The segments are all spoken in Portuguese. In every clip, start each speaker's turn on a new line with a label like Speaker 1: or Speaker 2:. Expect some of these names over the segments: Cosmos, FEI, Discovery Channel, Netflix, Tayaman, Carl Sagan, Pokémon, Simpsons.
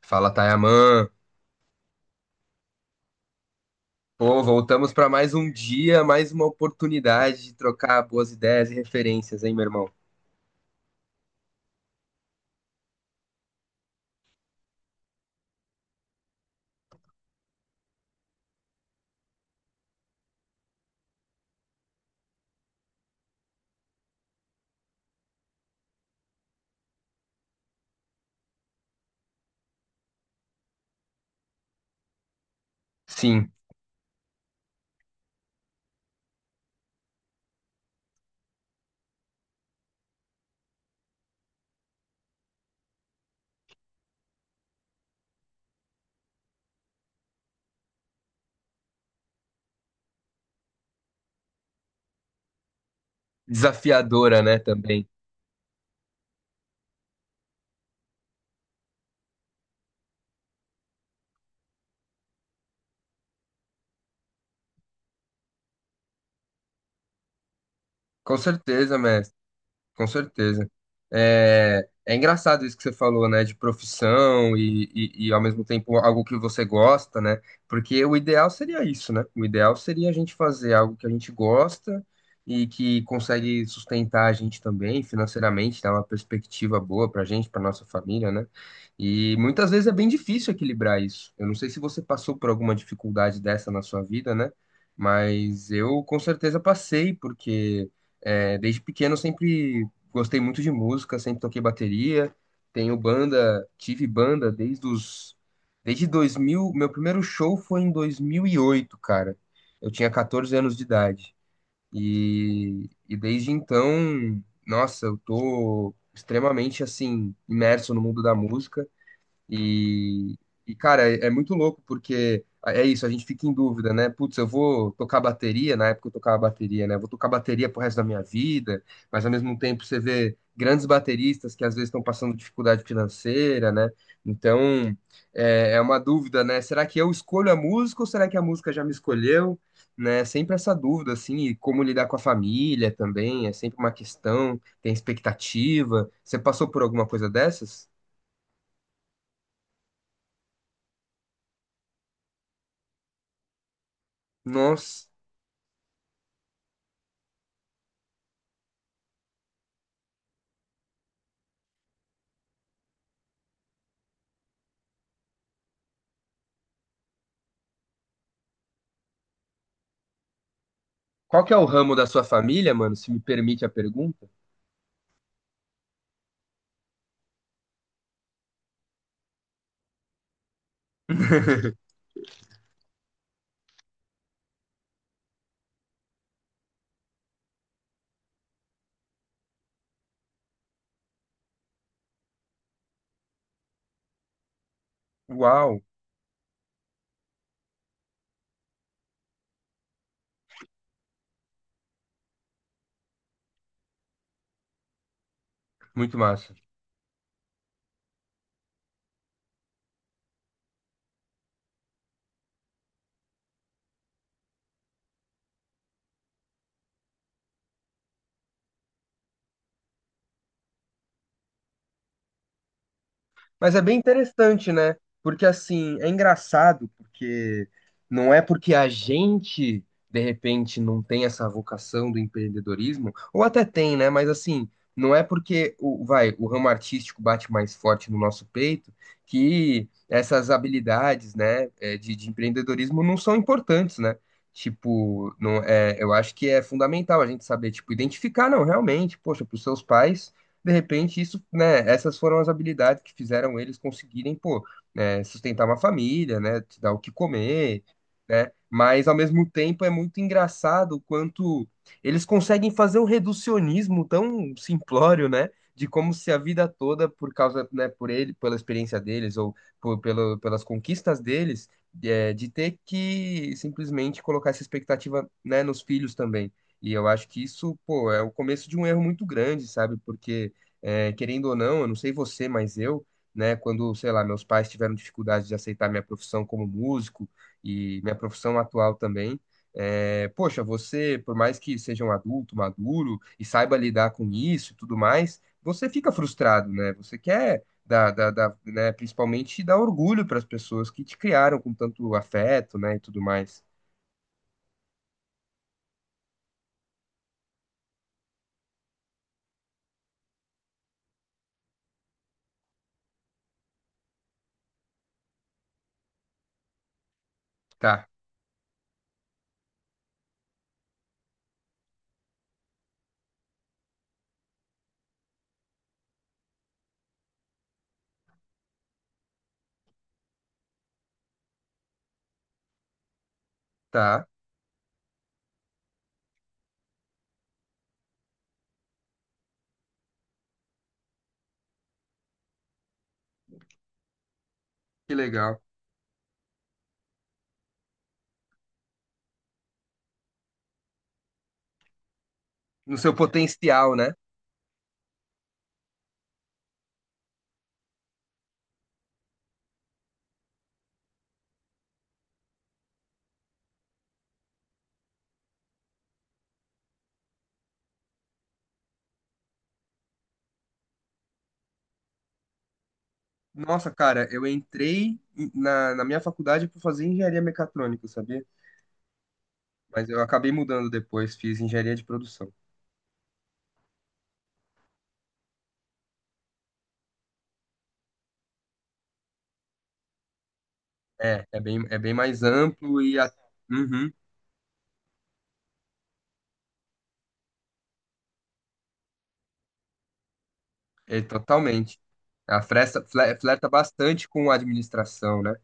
Speaker 1: Fala, Tayaman. Pô, voltamos para mais um dia, mais uma oportunidade de trocar boas ideias e referências, hein, meu irmão? Sim, desafiadora, né, também. Com certeza, mestre. Com certeza. É engraçado isso que você falou, né, de profissão e ao mesmo tempo algo que você gosta, né? Porque o ideal seria isso, né? O ideal seria a gente fazer algo que a gente gosta e que consegue sustentar a gente também financeiramente, dar uma perspectiva boa pra gente, pra nossa família, né? E muitas vezes é bem difícil equilibrar isso. Eu não sei se você passou por alguma dificuldade dessa na sua vida, né? Mas eu com certeza passei, porque é, desde pequeno eu sempre gostei muito de música, sempre toquei bateria. Tenho banda, tive banda desde 2000, meu primeiro show foi em 2008, cara. Eu tinha 14 anos de idade. E desde então, nossa, eu tô extremamente assim imerso no mundo da música. E, e, cara, é muito louco porque é isso, a gente fica em dúvida, né? Putz, eu vou tocar bateria, na época eu tocava bateria, né? Vou tocar bateria pro resto da minha vida, mas ao mesmo tempo você vê grandes bateristas que às vezes estão passando dificuldade financeira, né? Então é uma dúvida, né? Será que eu escolho a música ou será que a música já me escolheu? Né? Sempre essa dúvida, assim, e como lidar com a família também, é sempre uma questão, tem expectativa. Você passou por alguma coisa dessas? Nossa. Qual que é o ramo da sua família, mano? Se me permite a pergunta. Uau, muito massa. Mas é bem interessante, né? Porque assim, é engraçado, porque não é porque a gente, de repente, não tem essa vocação do empreendedorismo, ou até tem, né? Mas assim, não é porque o, vai, o ramo artístico bate mais forte no nosso peito que essas habilidades, né, é, de empreendedorismo não são importantes, né? Tipo, não, é, eu acho que é fundamental a gente saber, tipo, identificar, não, realmente, poxa, para os seus pais de repente, isso, né, essas foram as habilidades que fizeram eles conseguirem, pô, né, sustentar uma família, né, te dar o que comer, né? Mas ao mesmo tempo é muito engraçado o quanto eles conseguem fazer um reducionismo tão simplório, né? De como se a vida toda, por causa, né, por ele, pela experiência deles ou por- pelo, pelas conquistas deles, é, de ter que simplesmente colocar essa expectativa, né, nos filhos também. E eu acho que isso, pô, é o começo de um erro muito grande, sabe? Porque é, querendo ou não, eu não sei você, mas eu, né, quando, sei lá, meus pais tiveram dificuldade de aceitar minha profissão como músico e minha profissão atual também, é, poxa, você, por mais que seja um adulto maduro e saiba lidar com isso e tudo mais, você fica frustrado, né? Você quer dar, dar, né, principalmente dar orgulho para as pessoas que te criaram com tanto afeto, né, e tudo mais. Tá, tá, que legal. No seu potencial, né? Nossa, cara, eu entrei na minha faculdade para fazer engenharia mecatrônica, sabia? Mas eu acabei mudando depois, fiz engenharia de produção. É, é bem mais amplo e a- Uhum, é totalmente. A fresta, flerta bastante com a administração, né?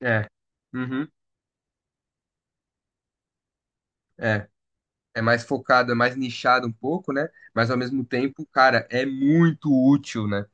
Speaker 1: É. Uhum, é. É mais focado, é mais nichado um pouco, né? Mas ao mesmo tempo, cara, é muito útil, né?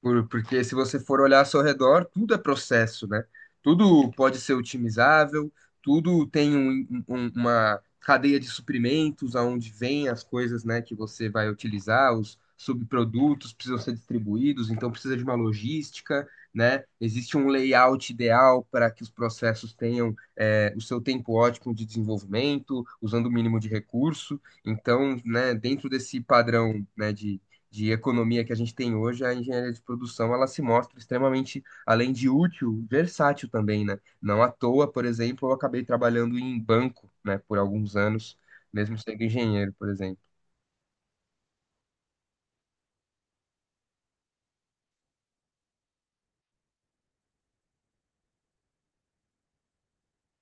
Speaker 1: Porque se você for olhar ao seu redor, tudo é processo, né? Tudo pode ser otimizável, tudo tem uma cadeia de suprimentos aonde vêm as coisas, né, que você vai utilizar, os subprodutos precisam ser distribuídos, então precisa de uma logística, né? Existe um layout ideal para que os processos tenham é, o seu tempo ótimo de desenvolvimento, usando o mínimo de recurso. Então, né, dentro desse padrão, né, de economia que a gente tem hoje, a engenharia de produção ela se mostra extremamente, além de útil, versátil também, né? Não à toa, por exemplo, eu acabei trabalhando em banco, né, por alguns anos, mesmo sendo engenheiro, por exemplo.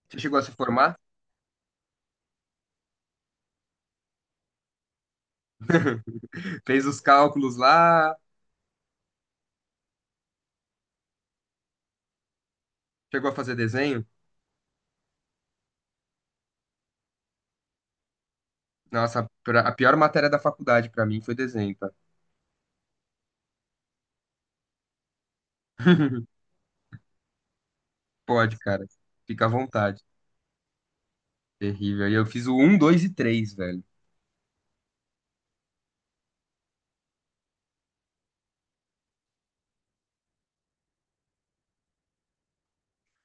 Speaker 1: Você chegou a se formar? Fez os cálculos lá, chegou a fazer desenho? Nossa, a pior matéria da faculdade para mim foi desenho, tá? Pode, cara. Fica à vontade. Terrível. E eu fiz o um 2 e três velho.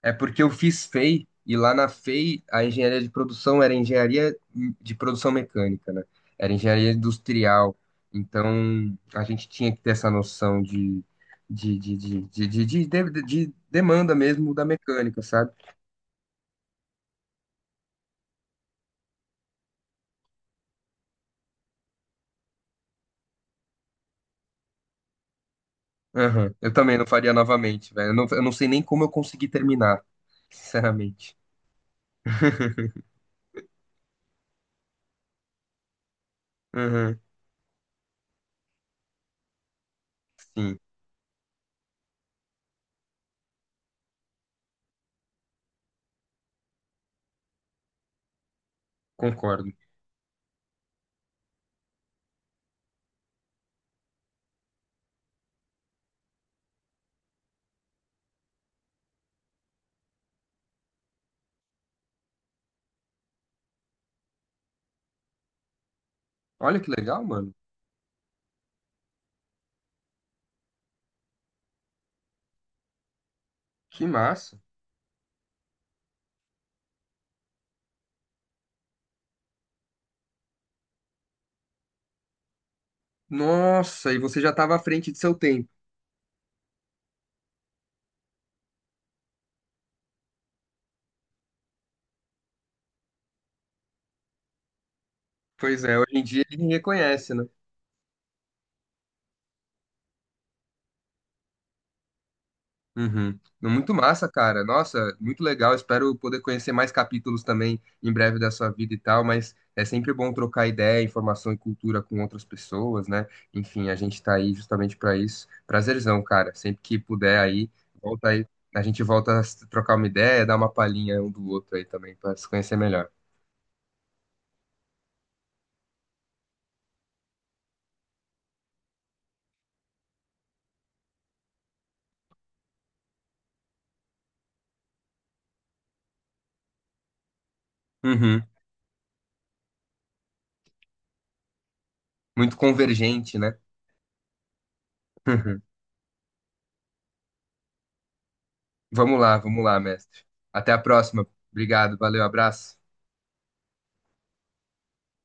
Speaker 1: É porque eu fiz FEI, e I, e lá na FEI a engenharia de produção era engenharia de produção mecânica, né? Era engenharia industrial. Então a gente tinha que ter essa noção de demanda mesmo da mecânica, sabe? Aham. Eu também não faria novamente, velho. Eu não sei nem como eu consegui terminar, sinceramente. Aham. Sim, concordo. Olha que legal, mano. Que massa. Nossa, e você já estava à frente de seu tempo. Pois é, hoje em dia ele reconhece, né? Uhum. Muito massa, cara. Nossa, muito legal. Espero poder conhecer mais capítulos também em breve da sua vida e tal, mas é sempre bom trocar ideia, informação e cultura com outras pessoas, né? Enfim, a gente tá aí justamente para isso. Prazerzão, cara. Sempre que puder aí, volta aí. A gente volta a se trocar uma ideia, dar uma palhinha um do outro aí também para se conhecer melhor. Uhum. Muito convergente, né? Vamos lá, mestre. Até a próxima. Obrigado, valeu, abraço.